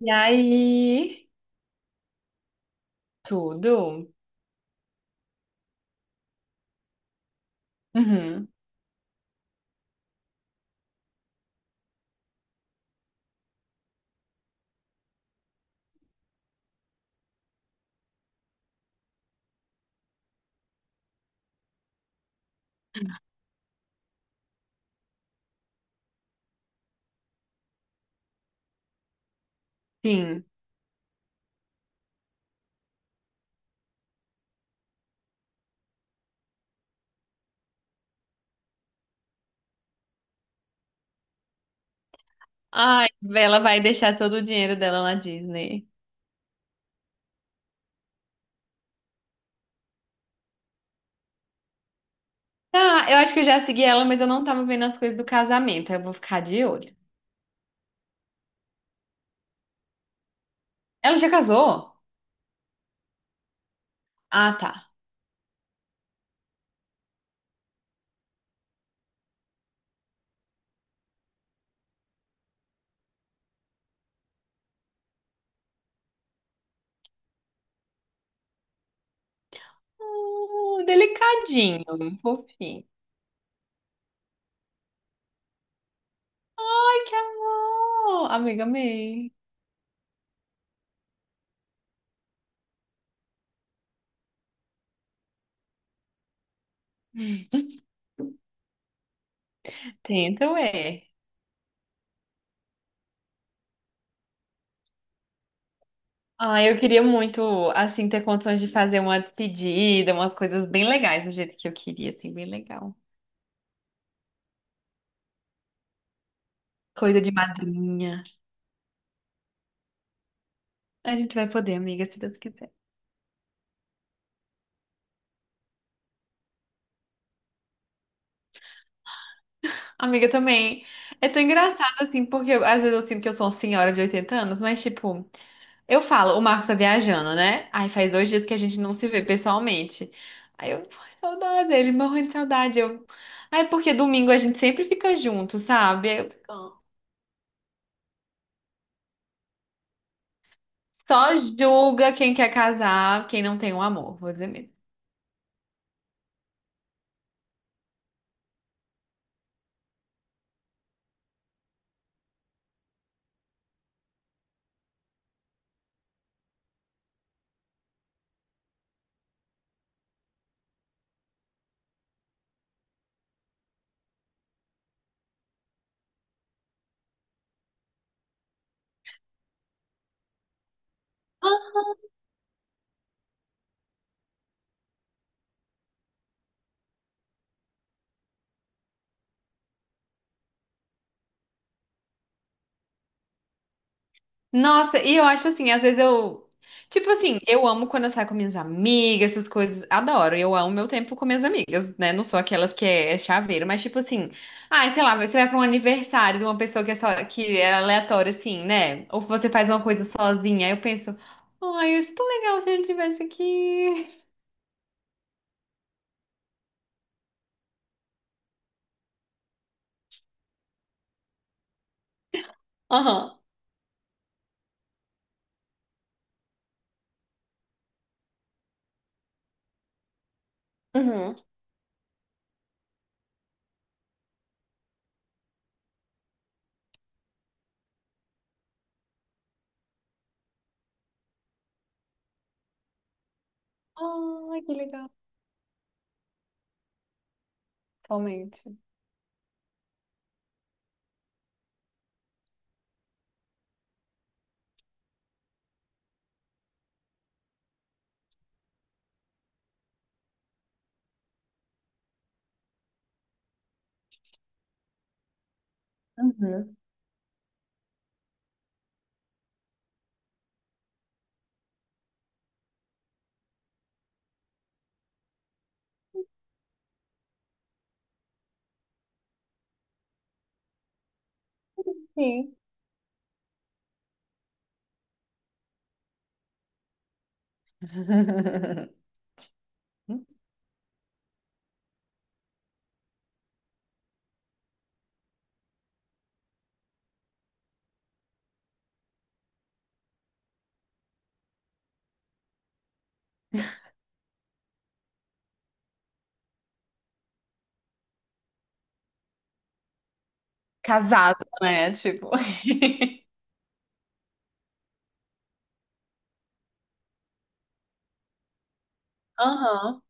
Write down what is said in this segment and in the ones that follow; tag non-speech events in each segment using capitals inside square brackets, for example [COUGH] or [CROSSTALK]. E aí? Tudo? Uhum. Sim. Ai, ela vai deixar todo o dinheiro dela na Disney. Ah, eu acho que eu já segui ela, mas eu não tava vendo as coisas do casamento. Aí eu vou ficar de olho. Ela já casou? Ah, tá. Ah, delicadinho, fofinho. Ai, que amor! Amiga, amei. Tento é. Ah, eu queria muito, assim, ter condições de fazer uma despedida, umas coisas bem legais do jeito que eu queria, assim, bem legal. Coisa de madrinha. A gente vai poder, amiga, se Deus quiser. Amiga, também. É tão engraçado, assim, porque às vezes eu sinto que eu sou uma senhora de 80 anos, mas, tipo, eu falo, o Marcos tá viajando, né? Aí faz 2 dias que a gente não se vê pessoalmente. Aí eu, "Ai, saudade, ele morrendo de saudade. Eu, aí porque domingo a gente sempre fica junto, sabe? Eu, só julga quem quer casar, quem não tem um amor, vou dizer mesmo. Nossa, e eu acho assim, às vezes eu. Tipo assim, eu amo quando eu saio com minhas amigas, essas coisas. Adoro, eu amo meu tempo com minhas amigas, né? Não sou aquelas que é chaveiro, mas tipo assim. Ah, sei lá, você vai pra um aniversário de uma pessoa que é, só, que é aleatória, assim, né? Ou você faz uma coisa sozinha. Aí eu penso, ai, isso é tão legal se ele estivesse aqui. Aham. Uhum. Ai, que legal. Totalmente. Uhum. Sim. [LAUGHS] Casado, né? Tipo. [LAUGHS] Aham.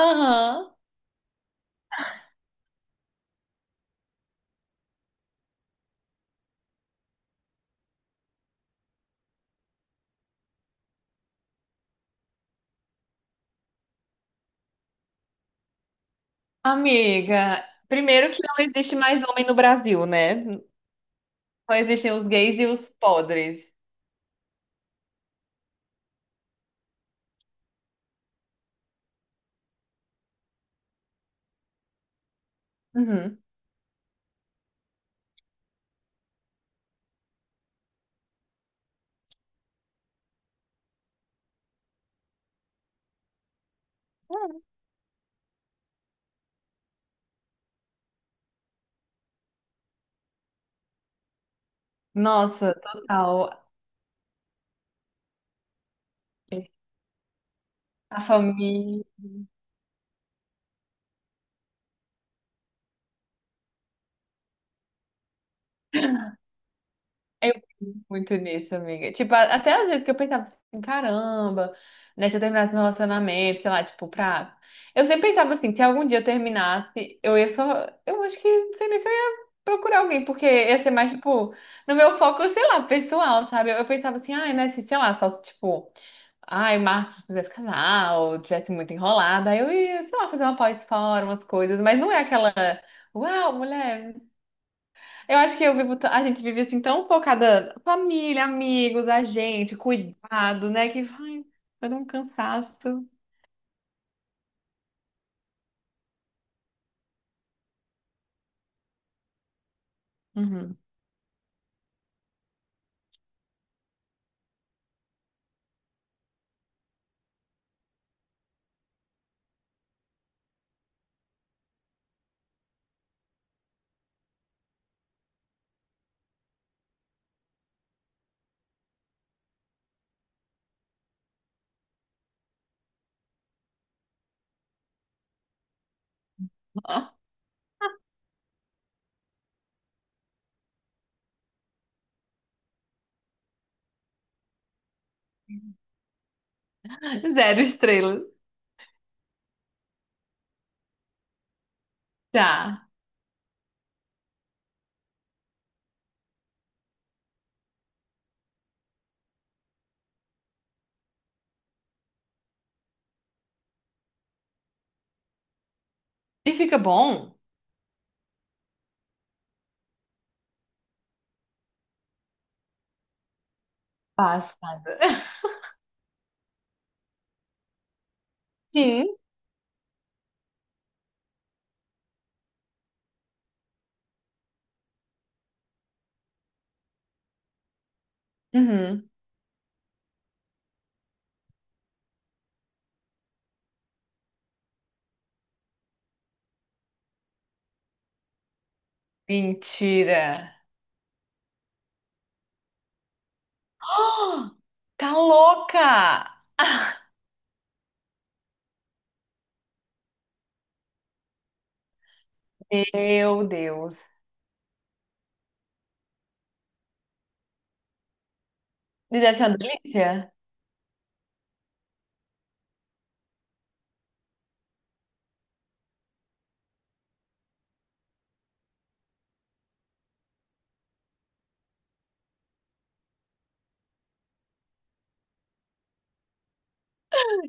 Aham, amiga. Primeiro que não existe mais homem no Brasil, né? Só existem os gays e os podres. Uhum. Nossa, total. É, a família. Muito nisso, amiga. Tipo, até às vezes que eu pensava assim, caramba, né, se eu terminasse meu relacionamento, sei lá, tipo, pra. Eu sempre pensava assim, se algum dia eu terminasse, eu ia só. Eu acho que, não sei nem se eu ia procurar alguém, porque ia ser mais, tipo, no meu foco, sei lá, pessoal, sabe? Eu pensava assim, ai, né, se, sei lá, só, tipo, ai, o Marcos quisesse casar, ou tivesse muito enrolada, aí eu ia, sei lá, fazer uma pós-fora, umas coisas, mas não é aquela. Uau, mulher! Eu acho que eu vivo, a gente vive assim tão focada, família, amigos, a gente, cuidado, né? Que vai, vai dar um cansaço. Uhum. [LAUGHS] Zero estrelas. Tá. E fica bom? Passada. Sim. Uhum. Mentira. [GASPS] Ah, tá louca! Meu Deus. Ele deve ser uma delícia?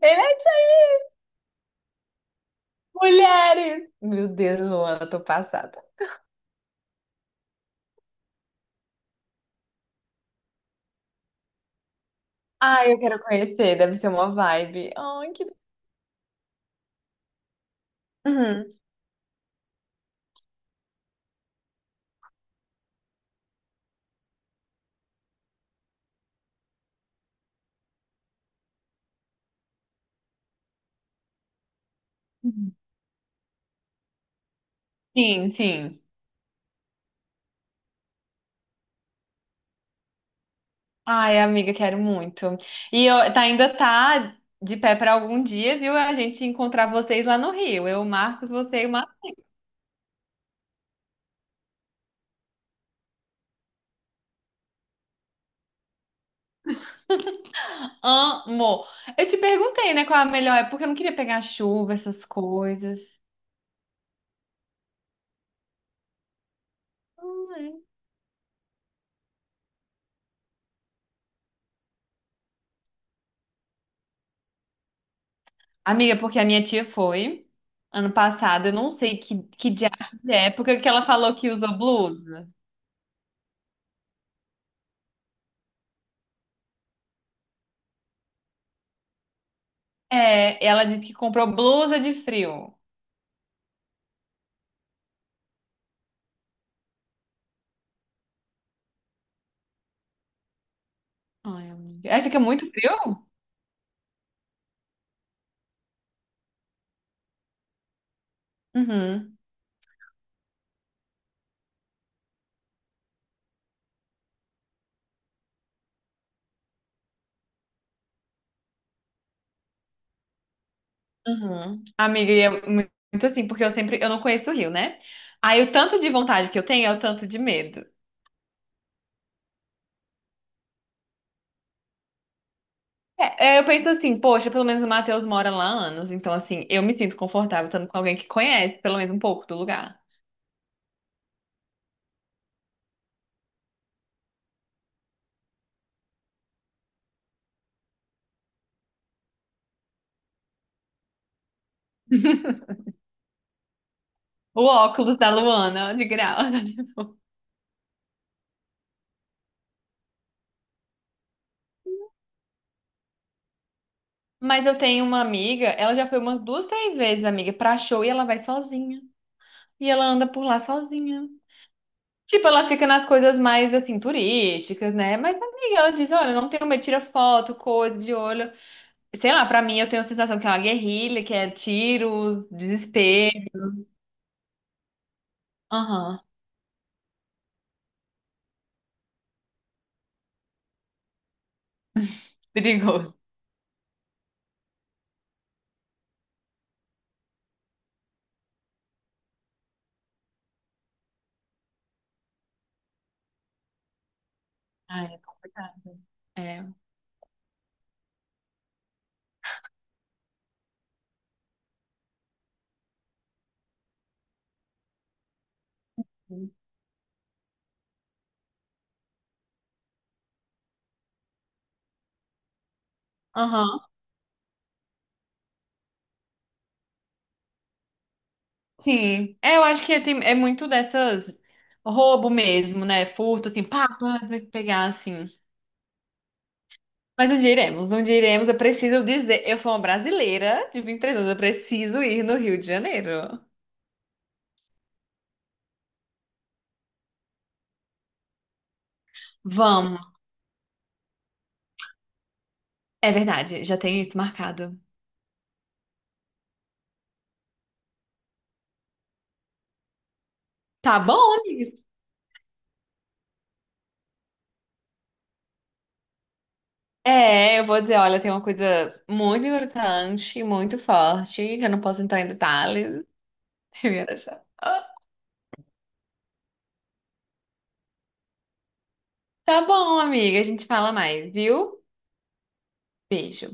Ele é isso aí! Mulheres! Meu Deus, Luana, tô passada. Ai, eu quero conhecer, deve ser uma vibe. Ai, que Uhum. Sim, sim. Ai, amiga, quero muito. E eu, tá, ainda tá de pé pra algum dia, viu? A gente encontrar vocês lá no Rio. Eu, Marcos, você e uma amo. Eu te perguntei, né, qual a melhor época, porque eu não queria pegar chuva, essas coisas. Ah, é. Amiga, porque a minha tia foi ano passado, eu não sei que diabo de época que ela falou que usou blusa. É, ela disse que comprou blusa de frio. Ai, amiga. Aí fica muito frio? Uhum. Uhum. Amiga, e é muito assim, porque eu sempre, eu não conheço o Rio, né? Aí o tanto de vontade que eu tenho é o tanto de medo. É, eu penso assim, poxa, pelo menos o Matheus mora lá há anos, então assim, eu me sinto confortável estando com alguém que conhece pelo menos um pouco do lugar. O óculos da Luana, de grau. [LAUGHS] Mas eu tenho uma amiga, ela já foi umas duas, três vezes, amiga, pra show e ela vai sozinha. E ela anda por lá sozinha. Tipo, ela fica nas coisas mais assim, turísticas, né? Mas, amiga, ela diz: olha, não tenho medo, tira foto, coisa de olho. Sei lá, pra mim eu tenho a sensação que é uma guerrilha, que é tiros, desespero. Aham, perigoso. Ah, é complicado. É. Aham. Sim. É, eu acho que é muito dessas roubo mesmo, né? Furto, assim, pá, pá, tem que pegar assim. Mas onde iremos? Onde iremos? Eu preciso dizer. Eu sou uma brasileira de 23 anos, eu preciso ir no Rio de Janeiro. Vamos. É verdade, já tem isso marcado. Tá bom, amiga. É, eu vou dizer, olha, tem uma coisa muito importante, muito forte, que eu não posso entrar em detalhes. [LAUGHS] Eu ia deixar. Ah, tá bom, amiga, a gente fala mais, viu? Beijo.